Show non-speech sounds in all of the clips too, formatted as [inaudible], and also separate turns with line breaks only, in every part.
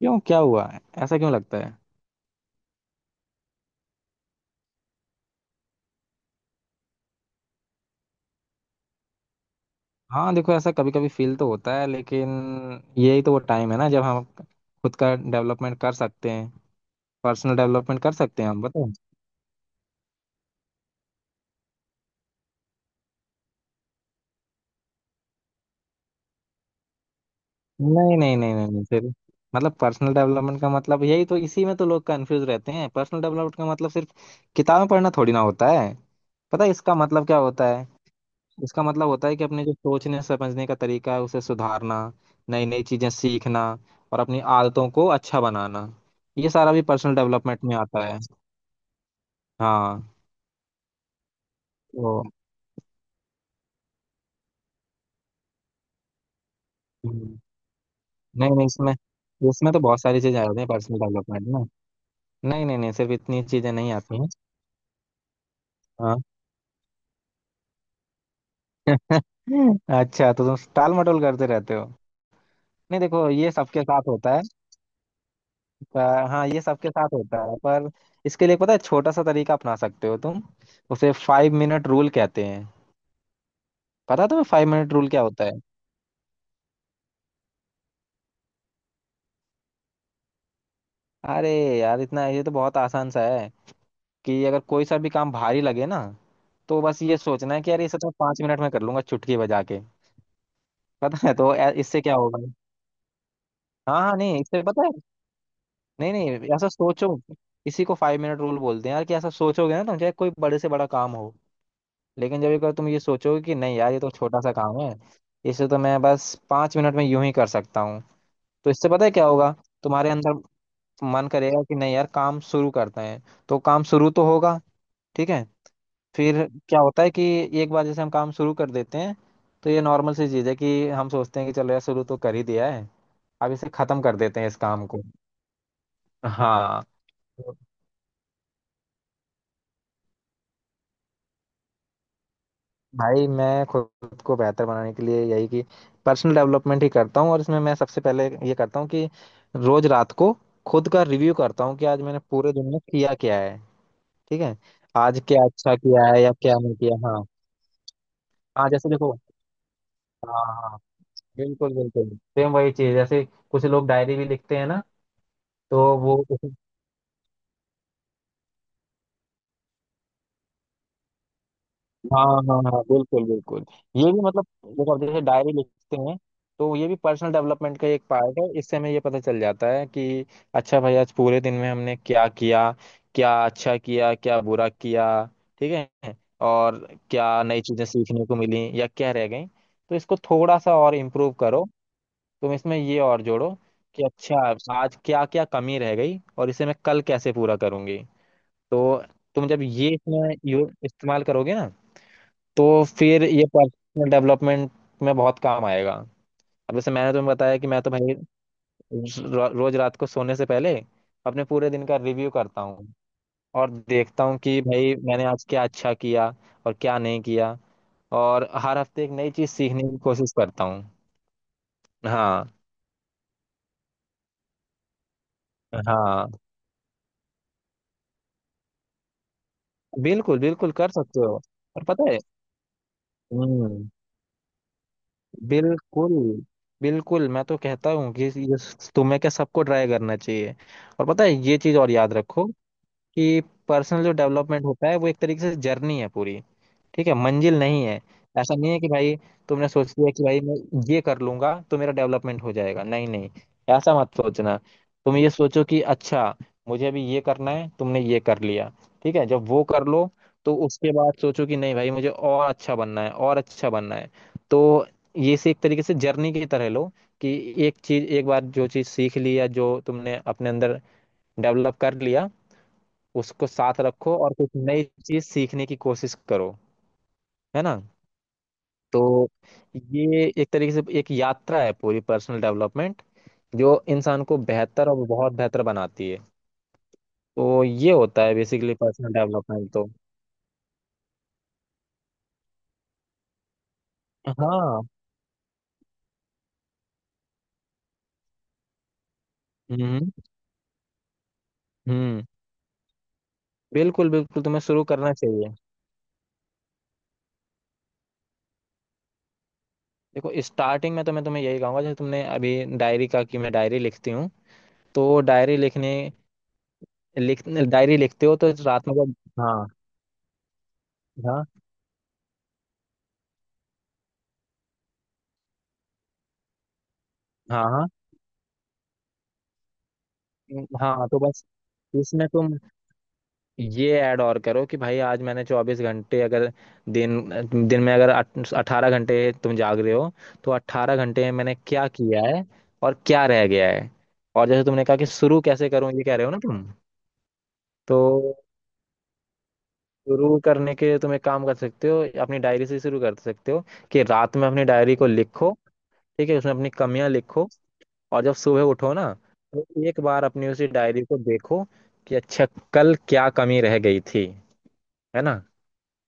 क्यों? क्या हुआ है? ऐसा क्यों लगता है? हाँ, देखो, ऐसा कभी कभी फील तो होता है, लेकिन यही तो वो टाइम है ना जब हम खुद का डेवलपमेंट कर सकते हैं, पर्सनल डेवलपमेंट कर सकते हैं हम। बताओ। नहीं, नहीं, नहीं, नहीं, नहीं, फिर मतलब पर्सनल डेवलपमेंट का मतलब यही, तो इसी में तो लोग कंफ्यूज रहते हैं। पर्सनल डेवलपमेंट का मतलब सिर्फ किताबें पढ़ना थोड़ी ना होता है। पता है इसका मतलब क्या होता है? इसका मतलब होता है कि अपने जो सोचने समझने का तरीका है उसे सुधारना, नई नई चीजें सीखना, और अपनी आदतों को अच्छा बनाना। ये सारा भी पर्सनल डेवलपमेंट में आता है। हाँ, तो हम्म, नहीं, नहीं, इसमें इसमें तो बहुत सारी चीजें आ जाती हैं पर्सनल डेवलपमेंट में। नहीं, नहीं, नहीं, सिर्फ इतनी चीजें नहीं आती हैं। हाँ। [laughs] अच्छा, तो तुम टाल मटोल करते रहते हो? नहीं, देखो, ये सबके साथ होता है। अ, हाँ, ये सबके साथ होता है, पर इसके लिए पता है छोटा सा तरीका अपना सकते हो तुम। उसे फाइव मिनट रूल कहते हैं। पता तुम्हें फाइव मिनट रूल क्या होता है? अरे यार, इतना ये तो बहुत आसान सा है कि अगर कोई सा भी काम भारी लगे ना, तो बस ये सोचना है कि यार ये सब तो पांच मिनट में कर लूंगा चुटकी बजा के। पता है, तो इससे क्या होगा? हाँ, हाँ, नहीं, इससे पता है, नहीं, नहीं, ऐसा सोचो। इसी को फाइव मिनट रूल बोलते हैं यार, कि ऐसा सोचोगे ना तुम, चाहे कोई बड़े से बड़ा काम हो, लेकिन जब एक बार तुम ये सोचोगे कि नहीं यार ये तो छोटा सा काम है, इसे तो मैं बस पांच मिनट में यूं ही कर सकता हूँ, तो इससे पता है क्या होगा? तुम्हारे अंदर मन करेगा कि नहीं यार काम शुरू करते हैं। तो काम शुरू तो होगा, ठीक है। फिर क्या होता है कि एक बार जैसे हम काम शुरू कर देते हैं, तो ये नॉर्मल सी चीज़ है कि हम सोचते हैं कि चलो यार शुरू तो कर ही दिया है, अब इसे खत्म कर देते हैं इस काम को। हाँ, तो भाई मैं खुद को बेहतर बनाने के लिए यही कि पर्सनल डेवलपमेंट ही करता हूँ, और इसमें मैं सबसे पहले ये करता हूँ कि रोज रात को खुद का रिव्यू करता हूँ कि आज मैंने पूरे दिन में किया क्या है, ठीक है। आज क्या अच्छा किया है या क्या नहीं किया। हाँ, हाँ, जैसे देखो, हाँ, हाँ, बिल्कुल, बिल्कुल, सेम वही चीज, जैसे कुछ लोग डायरी भी लिखते हैं ना। तो वो, हाँ, हाँ, हाँ, बिल्कुल, बिल्कुल, ये भी, मतलब, देखो अब जैसे डायरी लिखते हैं, तो ये भी पर्सनल डेवलपमेंट का एक पार्ट है। इससे हमें ये पता चल जाता है कि अच्छा भाई, आज पूरे दिन में हमने क्या किया, क्या अच्छा किया, क्या बुरा किया, ठीक है। और क्या नई चीजें सीखने को मिली या क्या रह गई? तो इसको थोड़ा सा और इम्प्रूव करो, तुम इसमें ये और जोड़ो कि अच्छा, आज क्या क्या कमी रह गई, और इसे मैं कल कैसे पूरा करूंगी। तो तुम जब ये इसमें इस्तेमाल करोगे ना, तो फिर ये पर्सनल डेवलपमेंट में बहुत काम आएगा। अब जैसे मैंने तुम्हें बताया कि मैं तो भाई रोज रात को सोने से पहले अपने पूरे दिन का रिव्यू करता हूँ, और देखता हूँ कि भाई मैंने आज क्या अच्छा किया और क्या नहीं किया, और हर हफ्ते एक नई चीज़ सीखने की कोशिश करता हूँ। हाँ, हाँ, बिल्कुल, बिल्कुल, कर सकते हो। और पता है, हम्म, बिल्कुल, बिल्कुल, मैं तो कहता हूँ कि ये तुम्हें क्या, सबको ट्राई करना चाहिए। और पता है ये चीज और याद रखो, कि पर्सनल जो डेवलपमेंट होता है वो एक तरीके से जर्नी है पूरी, ठीक है, मंजिल नहीं है। ऐसा नहीं है कि भाई तुमने सोच लिया कि भाई मैं ये कर लूंगा तो मेरा डेवलपमेंट हो जाएगा। नहीं, नहीं, ऐसा मत सोचना। तुम ये सोचो कि अच्छा, मुझे अभी ये करना है, तुमने ये कर लिया, ठीक है। जब वो कर लो तो उसके बाद सोचो कि नहीं भाई, मुझे और अच्छा बनना है, और अच्छा बनना है। तो ये से एक तरीके से जर्नी की तरह लो कि एक चीज एक बार जो चीज सीख ली, या जो तुमने अपने अंदर डेवलप कर लिया, उसको साथ रखो और कुछ नई चीज सीखने की कोशिश करो, है ना। तो ये एक तरीके से एक यात्रा है पूरी पर्सनल डेवलपमेंट, जो इंसान को बेहतर और बहुत बेहतर बनाती है। तो ये होता है बेसिकली पर्सनल डेवलपमेंट। तो हाँ, हम्म, हम्म, बिल्कुल, बिल्कुल, तुम्हें शुरू करना चाहिए। देखो, स्टार्टिंग में तो मैं तुम्हें यही कहूंगा जैसे तुमने अभी डायरी का कि मैं डायरी लिखती हूँ। तो डायरी लिखने डायरी लिखते हो तो रात में जब, हाँ, हाँ, हाँ, हाँ, हाँ, तो बस इसमें तुम ये ऐड और करो कि भाई, आज मैंने चौबीस घंटे अगर, दिन दिन में अगर अठारह घंटे तुम जाग रहे हो, तो अट्ठारह घंटे में मैंने क्या किया है, और क्या रह गया है। और जैसे तुमने कहा कि शुरू कैसे करूं, ये कह रहे हो ना तुम। तो शुरू करने के लिए तुम एक काम कर सकते हो, अपनी डायरी से शुरू कर सकते हो, कि रात में अपनी डायरी को लिखो, ठीक है, उसमें अपनी कमियां लिखो। और जब सुबह उठो ना, तो एक बार अपनी उसी डायरी को देखो कि अच्छा, कल क्या कमी रह गई थी, है ना?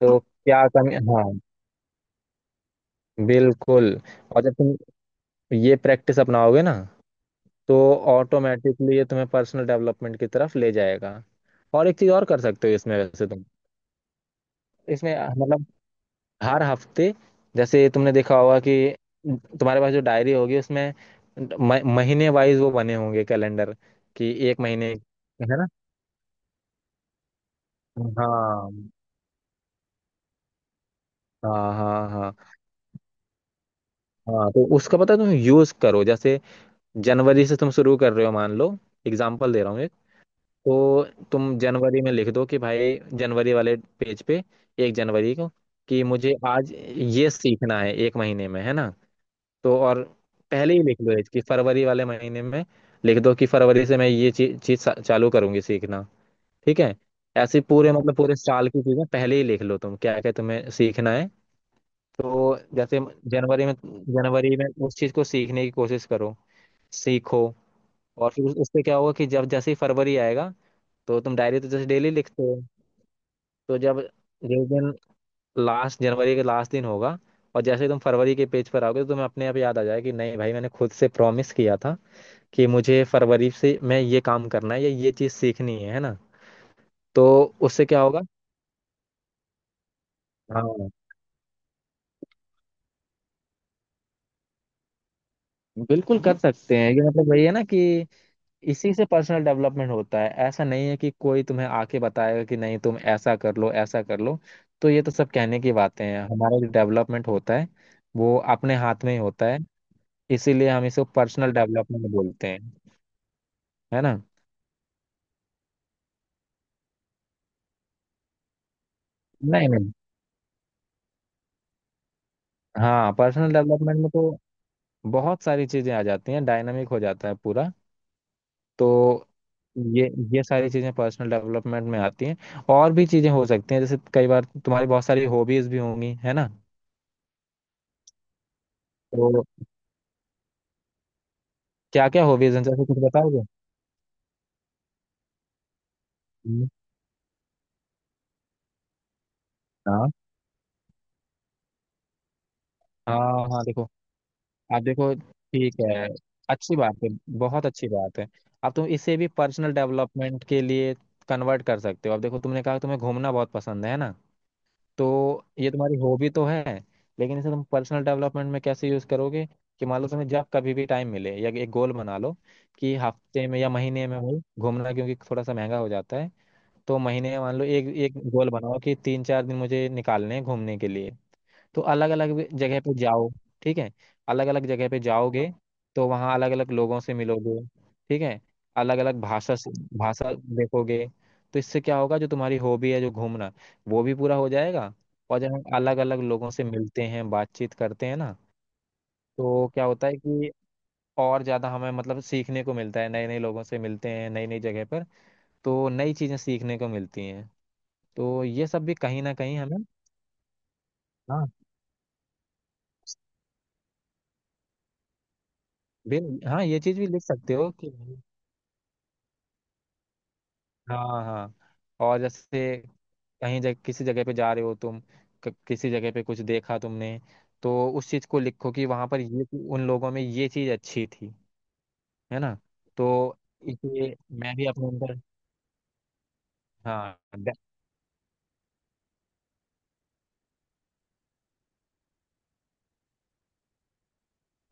तो क्या कमी, हाँ, बिल्कुल। और जब तुम ये प्रैक्टिस अपनाओगे ना, तो ऑटोमेटिकली ये तुम्हें पर्सनल डेवलपमेंट की तरफ ले जाएगा। और एक चीज और कर सकते हो इसमें वैसे तुम, इसमें, मतलब, हर हफ्ते, जैसे तुमने देखा होगा कि तुम्हारे पास जो डायरी होगी उसमें महीने वाइज वो बने होंगे कैलेंडर, कि एक महीने, है ना? हाँ, हाँ, हाँ, हाँ, हाँ, तो उसका पता है, तुम यूज करो। जैसे जनवरी से तुम शुरू कर रहे हो, मान लो, एग्जाम्पल दे रहा हूँ। तो तुम जनवरी में लिख दो कि भाई जनवरी वाले पेज पे, एक जनवरी को कि मुझे आज ये सीखना है एक महीने में, है ना? तो, और पहले ही लिख लो कि फरवरी वाले महीने में लिख दो कि फरवरी से मैं ये चीज चीज चालू करूंगी सीखना, ठीक है। ऐसे पूरे, मतलब, पूरे साल की चीजें पहले ही लिख लो, तुम क्या क्या तुम्हें सीखना है। तो जैसे जनवरी में जनवरी में उस चीज को सीखने की कोशिश करो, सीखो। और फिर उससे क्या होगा कि जब, जैसे ही फरवरी आएगा, तो तुम डायरी तो जैसे डेली लिखते हो, तो जब जिस दिन, लास्ट जनवरी के लास्ट दिन होगा, और जैसे ही तुम फरवरी के पेज पर आओगे, तो तुम्हें अपने आप याद आ जाएगा कि नहीं भाई, मैंने खुद से प्रॉमिस किया था कि मुझे फरवरी से मैं ये काम करना है, या ये चीज़ सीखनी है ना। तो उससे क्या होगा? हाँ, बिल्कुल कर सकते हैं, ये, मतलब, वही है ना कि इसी से पर्सनल डेवलपमेंट होता है। ऐसा नहीं है कि कोई तुम्हें आके बताएगा कि नहीं तुम ऐसा कर लो, ऐसा कर लो। तो ये तो सब कहने की बातें हैं, हमारा जो डेवलपमेंट होता है वो अपने हाथ में ही होता है। इसीलिए हम इसे पर्सनल डेवलपमेंट बोलते हैं, है ना। नहीं, नहीं, हाँ, पर्सनल डेवलपमेंट में तो बहुत सारी चीजें आ जाती हैं, डायनामिक हो जाता है पूरा। तो ये ये सारी चीजें पर्सनल डेवलपमेंट में आती हैं, और भी चीजें हो सकती हैं, जैसे कई बार तुम्हारी बहुत सारी हॉबीज भी होंगी, है ना? तो क्या क्या हॉबीज हैं, जैसे कुछ बताओगे? हम्म, हाँ, हाँ, हाँ, देखो, आप देखो, ठीक है, अच्छी बात है, बहुत अच्छी बात है। अब तुम इसे भी पर्सनल डेवलपमेंट के लिए कन्वर्ट कर सकते हो। अब देखो, तुमने कहा तुम्हें घूमना बहुत पसंद है ना, तो ये तुम्हारी हॉबी तो है, लेकिन इसे तुम पर्सनल डेवलपमेंट में कैसे यूज करोगे? कि मान लो, तुम्हें जब कभी भी टाइम मिले, या एक गोल बना लो कि हफ्ते में या महीने में, भाई, घूमना क्योंकि थोड़ा सा महंगा हो जाता है, तो महीने में मान लो एक एक गोल बनाओ कि तीन चार दिन मुझे निकालने हैं घूमने के लिए। तो अलग अलग जगह पे जाओ, ठीक है। अलग अलग जगह पे जाओगे तो वहाँ अलग अलग लोगों से मिलोगे, ठीक है, अलग अलग भाषा से भाषा देखोगे। तो इससे क्या होगा? जो तुम्हारी हॉबी है, जो घूमना, वो भी पूरा हो जाएगा। और जब हम अलग अलग लोगों से मिलते हैं, बातचीत करते हैं ना, तो क्या होता है कि और ज़्यादा हमें, मतलब, सीखने को मिलता है, नए नए लोगों से मिलते हैं, नई नई जगह पर, तो नई चीज़ें सीखने को मिलती हैं। तो ये सब भी कहीं ना कहीं हमें, हाँ, बिल हाँ, ये चीज़ भी लिख सकते हो कि, हाँ, हाँ। और जैसे कहीं जगह किसी जगह पे जा रहे हो तुम, किसी जगह पे कुछ देखा तुमने, तो उस चीज को लिखो कि वहां पर ये, उन लोगों में ये चीज अच्छी थी, है ना। तो इसे मैं भी अपने अंदर, हाँ,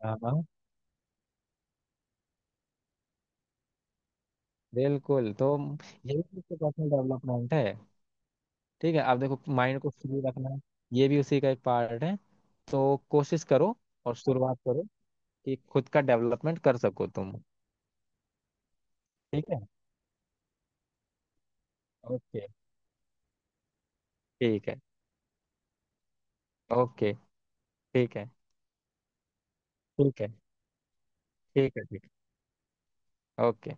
हाँ, हाँ, बिल्कुल, तो ये भी उसका पर्सनल डेवलपमेंट है, ठीक है। आप देखो, माइंड को फ्री रखना, ये भी उसी का एक पार्ट है। तो कोशिश करो और शुरुआत करो कि खुद का डेवलपमेंट कर सको तुम, ठीक है, ओके, ठीक है, ओके, ठीक है, ठीक है, ठीक है, ठीक है, ओके।